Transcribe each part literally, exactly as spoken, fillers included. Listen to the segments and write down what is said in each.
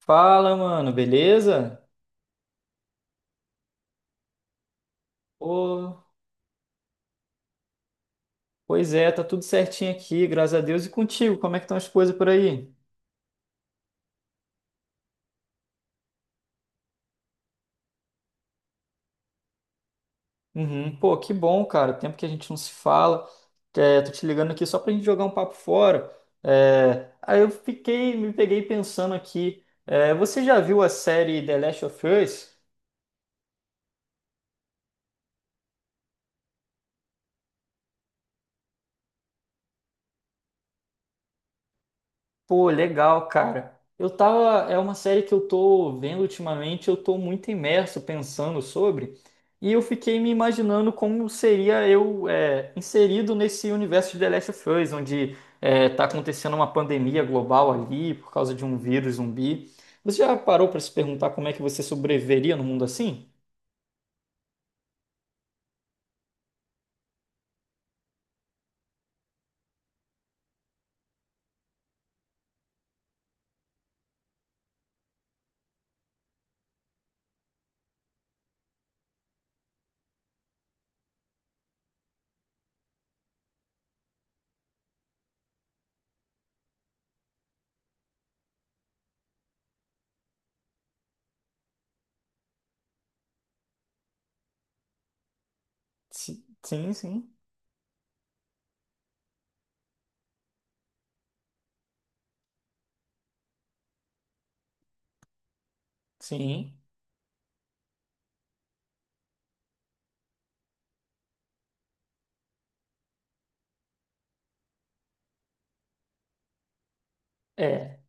Fala, mano, beleza? Ô, pois é, tá tudo certinho aqui, graças a Deus. E contigo, como é que estão as coisas por aí? Uhum. Pô, que bom, cara. Tempo que a gente não se fala. É, tô te ligando aqui só pra gente jogar um papo fora. É, aí eu fiquei, me peguei pensando aqui. É, você já viu a série The Last of Us? Pô, legal, cara. Eu tava. É uma série que eu tô vendo ultimamente, eu tô muito imerso pensando sobre, e eu fiquei me imaginando como seria eu é, inserido nesse universo de The Last of Us, onde é, tá acontecendo uma pandemia global ali por causa de um vírus zumbi. Você já parou pra se perguntar como é que você sobreviveria num mundo assim? Si- Sim, sim, sim. É.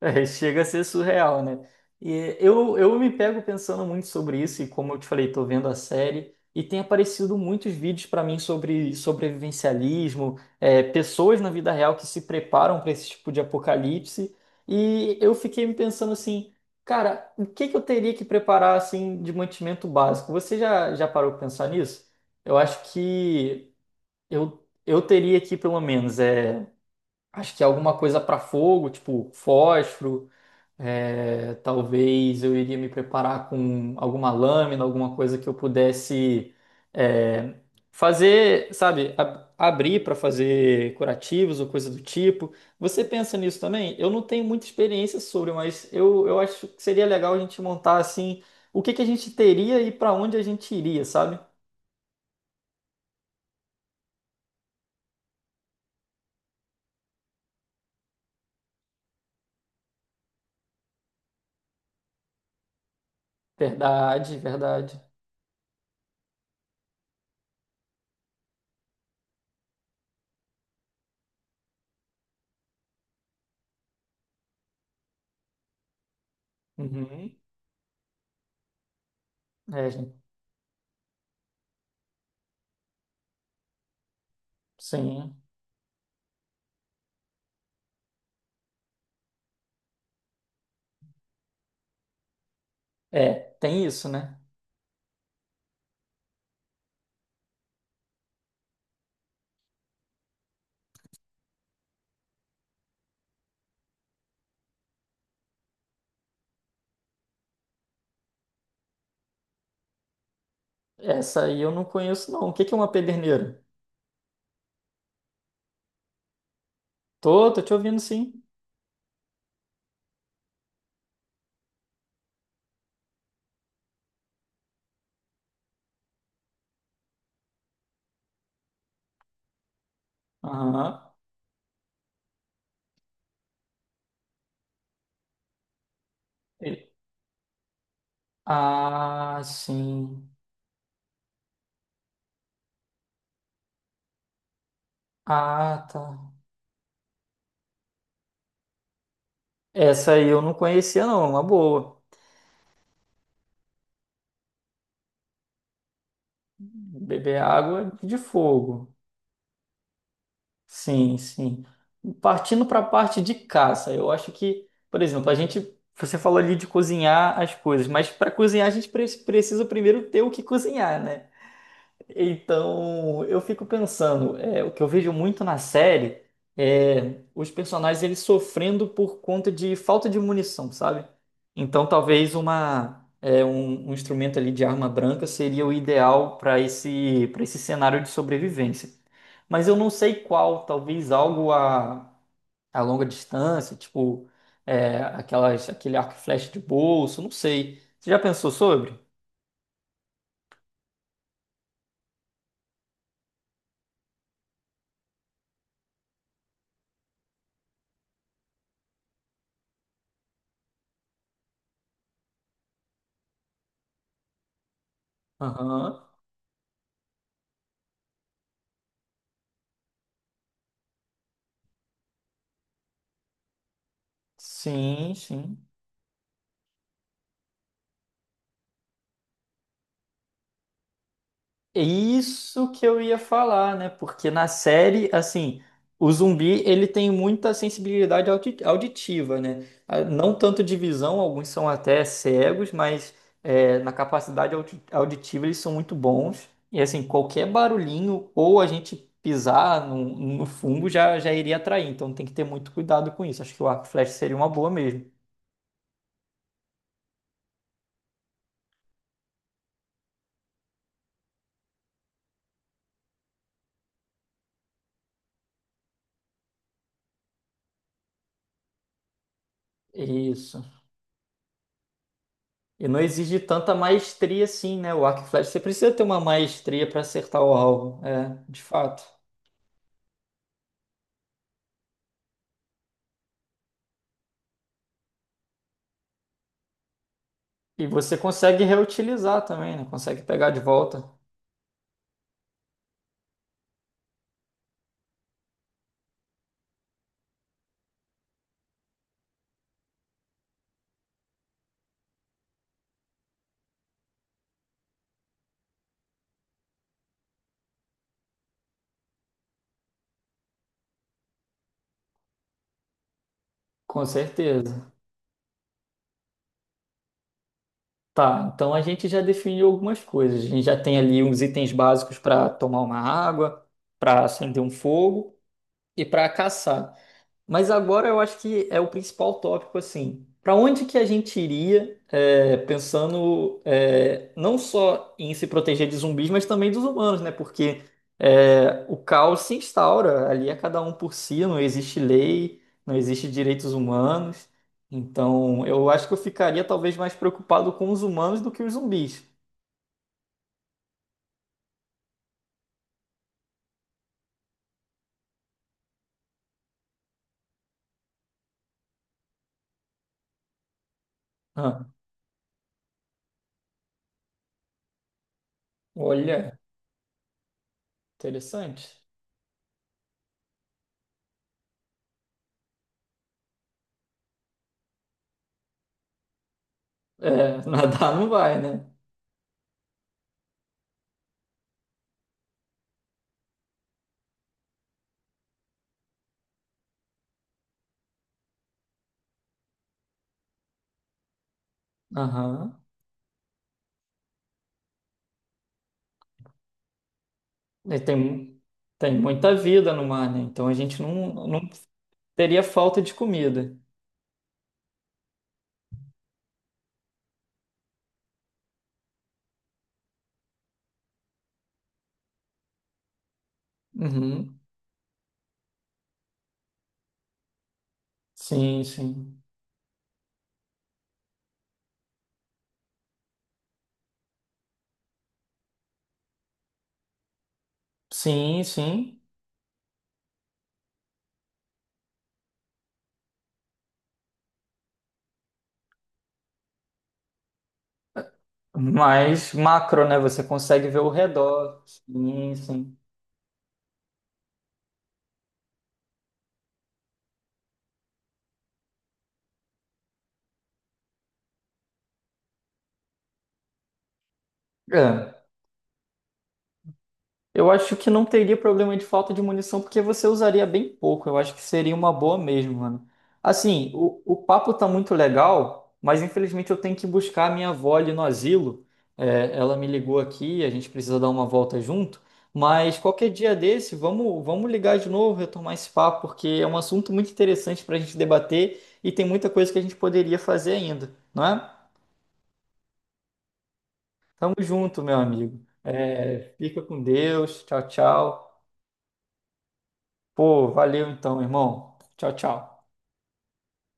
É, chega a ser surreal, né? E eu, eu me pego pensando muito sobre isso, e como eu te falei, tô vendo a série, e tem aparecido muitos vídeos para mim sobre sobrevivencialismo, é, pessoas na vida real que se preparam para esse tipo de apocalipse, e eu fiquei me pensando assim, cara, o que que eu teria que preparar assim de mantimento básico? Você já, já parou para pensar nisso? Eu acho que eu, eu teria aqui pelo menos, é, acho que alguma coisa para fogo, tipo fósforo. É, talvez eu iria me preparar com alguma lâmina, alguma coisa que eu pudesse é, fazer, sabe, ab- abrir para fazer curativos ou coisa do tipo. Você pensa nisso também? Eu não tenho muita experiência sobre, mas eu, eu acho que seria legal a gente montar assim o que que a gente teria e para onde a gente iria, sabe? Verdade, verdade. Uhum. É, gente, sim. É, tem isso, né? Essa aí eu não conheço, não. O que que é uma pederneira? Tô, tô te ouvindo sim. Aham. Ele- Ah, sim. Ah, tá. Essa aí eu não conhecia, não. é Uma boa. Beber água de fogo. Sim, sim. Partindo para a parte de caça, eu acho que, por exemplo, a gente. Você falou ali de cozinhar as coisas, mas para cozinhar a gente pre- precisa primeiro ter o que cozinhar, né? Então, eu fico pensando, é, o que eu vejo muito na série é os personagens eles sofrendo por conta de falta de munição, sabe? Então, talvez uma é, um, um instrumento ali de arma branca seria o ideal para esse para esse cenário de sobrevivência. Mas eu não sei qual, talvez algo a, a longa distância, tipo é, aquelas aquele arco e flecha de bolso, não sei. Você já pensou sobre? Aham. Sim, sim. É isso que eu ia falar, né? Porque na série, assim, o zumbi ele tem muita sensibilidade audi- auditiva, né? Ah, não tanto de visão, alguns são até cegos, mas é, na capacidade audi- auditiva eles são muito bons. E assim, qualquer barulhinho ou a gente pisar no, no fungo já, já iria atrair. Então tem que ter muito cuidado com isso. Acho que o arco e flecha seria uma boa mesmo. Isso. E não exige tanta maestria assim, né? O arco e flecha, você precisa ter uma maestria para acertar o alvo, é, de fato. E você consegue reutilizar também, né? Consegue pegar de volta, com certeza. Tá, então a gente já definiu algumas coisas. A gente já tem ali uns itens básicos para tomar uma água, para acender um fogo e para caçar. Mas agora eu acho que é o principal tópico, assim. Para onde que a gente iria, é, pensando, é, não só em se proteger de zumbis, mas também dos humanos, né? Porque é, o caos se instaura, ali é cada um por si, não existe lei, não existe direitos humanos. Então, eu acho que eu ficaria talvez mais preocupado com os humanos do que os zumbis. Ah, olha, interessante. É, nadar não vai, né? Aham. E tem, tem muita vida no mar, né? Então a gente não, não teria falta de comida. Uhum. Sim, sim. Sim, sim. Mas macro, né? Você consegue ver o redor. Sim, sim. É. Eu acho que não teria problema de falta de munição, porque você usaria bem pouco. Eu acho que seria uma boa mesmo, mano. Assim, o, o papo tá muito legal, mas infelizmente eu tenho que buscar a minha avó ali no asilo. É, ela me ligou aqui, a gente precisa dar uma volta junto. Mas qualquer dia desse, vamos, vamos ligar de novo, retomar esse papo, porque é um assunto muito interessante para a gente debater e tem muita coisa que a gente poderia fazer ainda, não é? Tamo junto, meu amigo. É, fica com Deus. Tchau, tchau. Pô, valeu então, irmão. Tchau, tchau.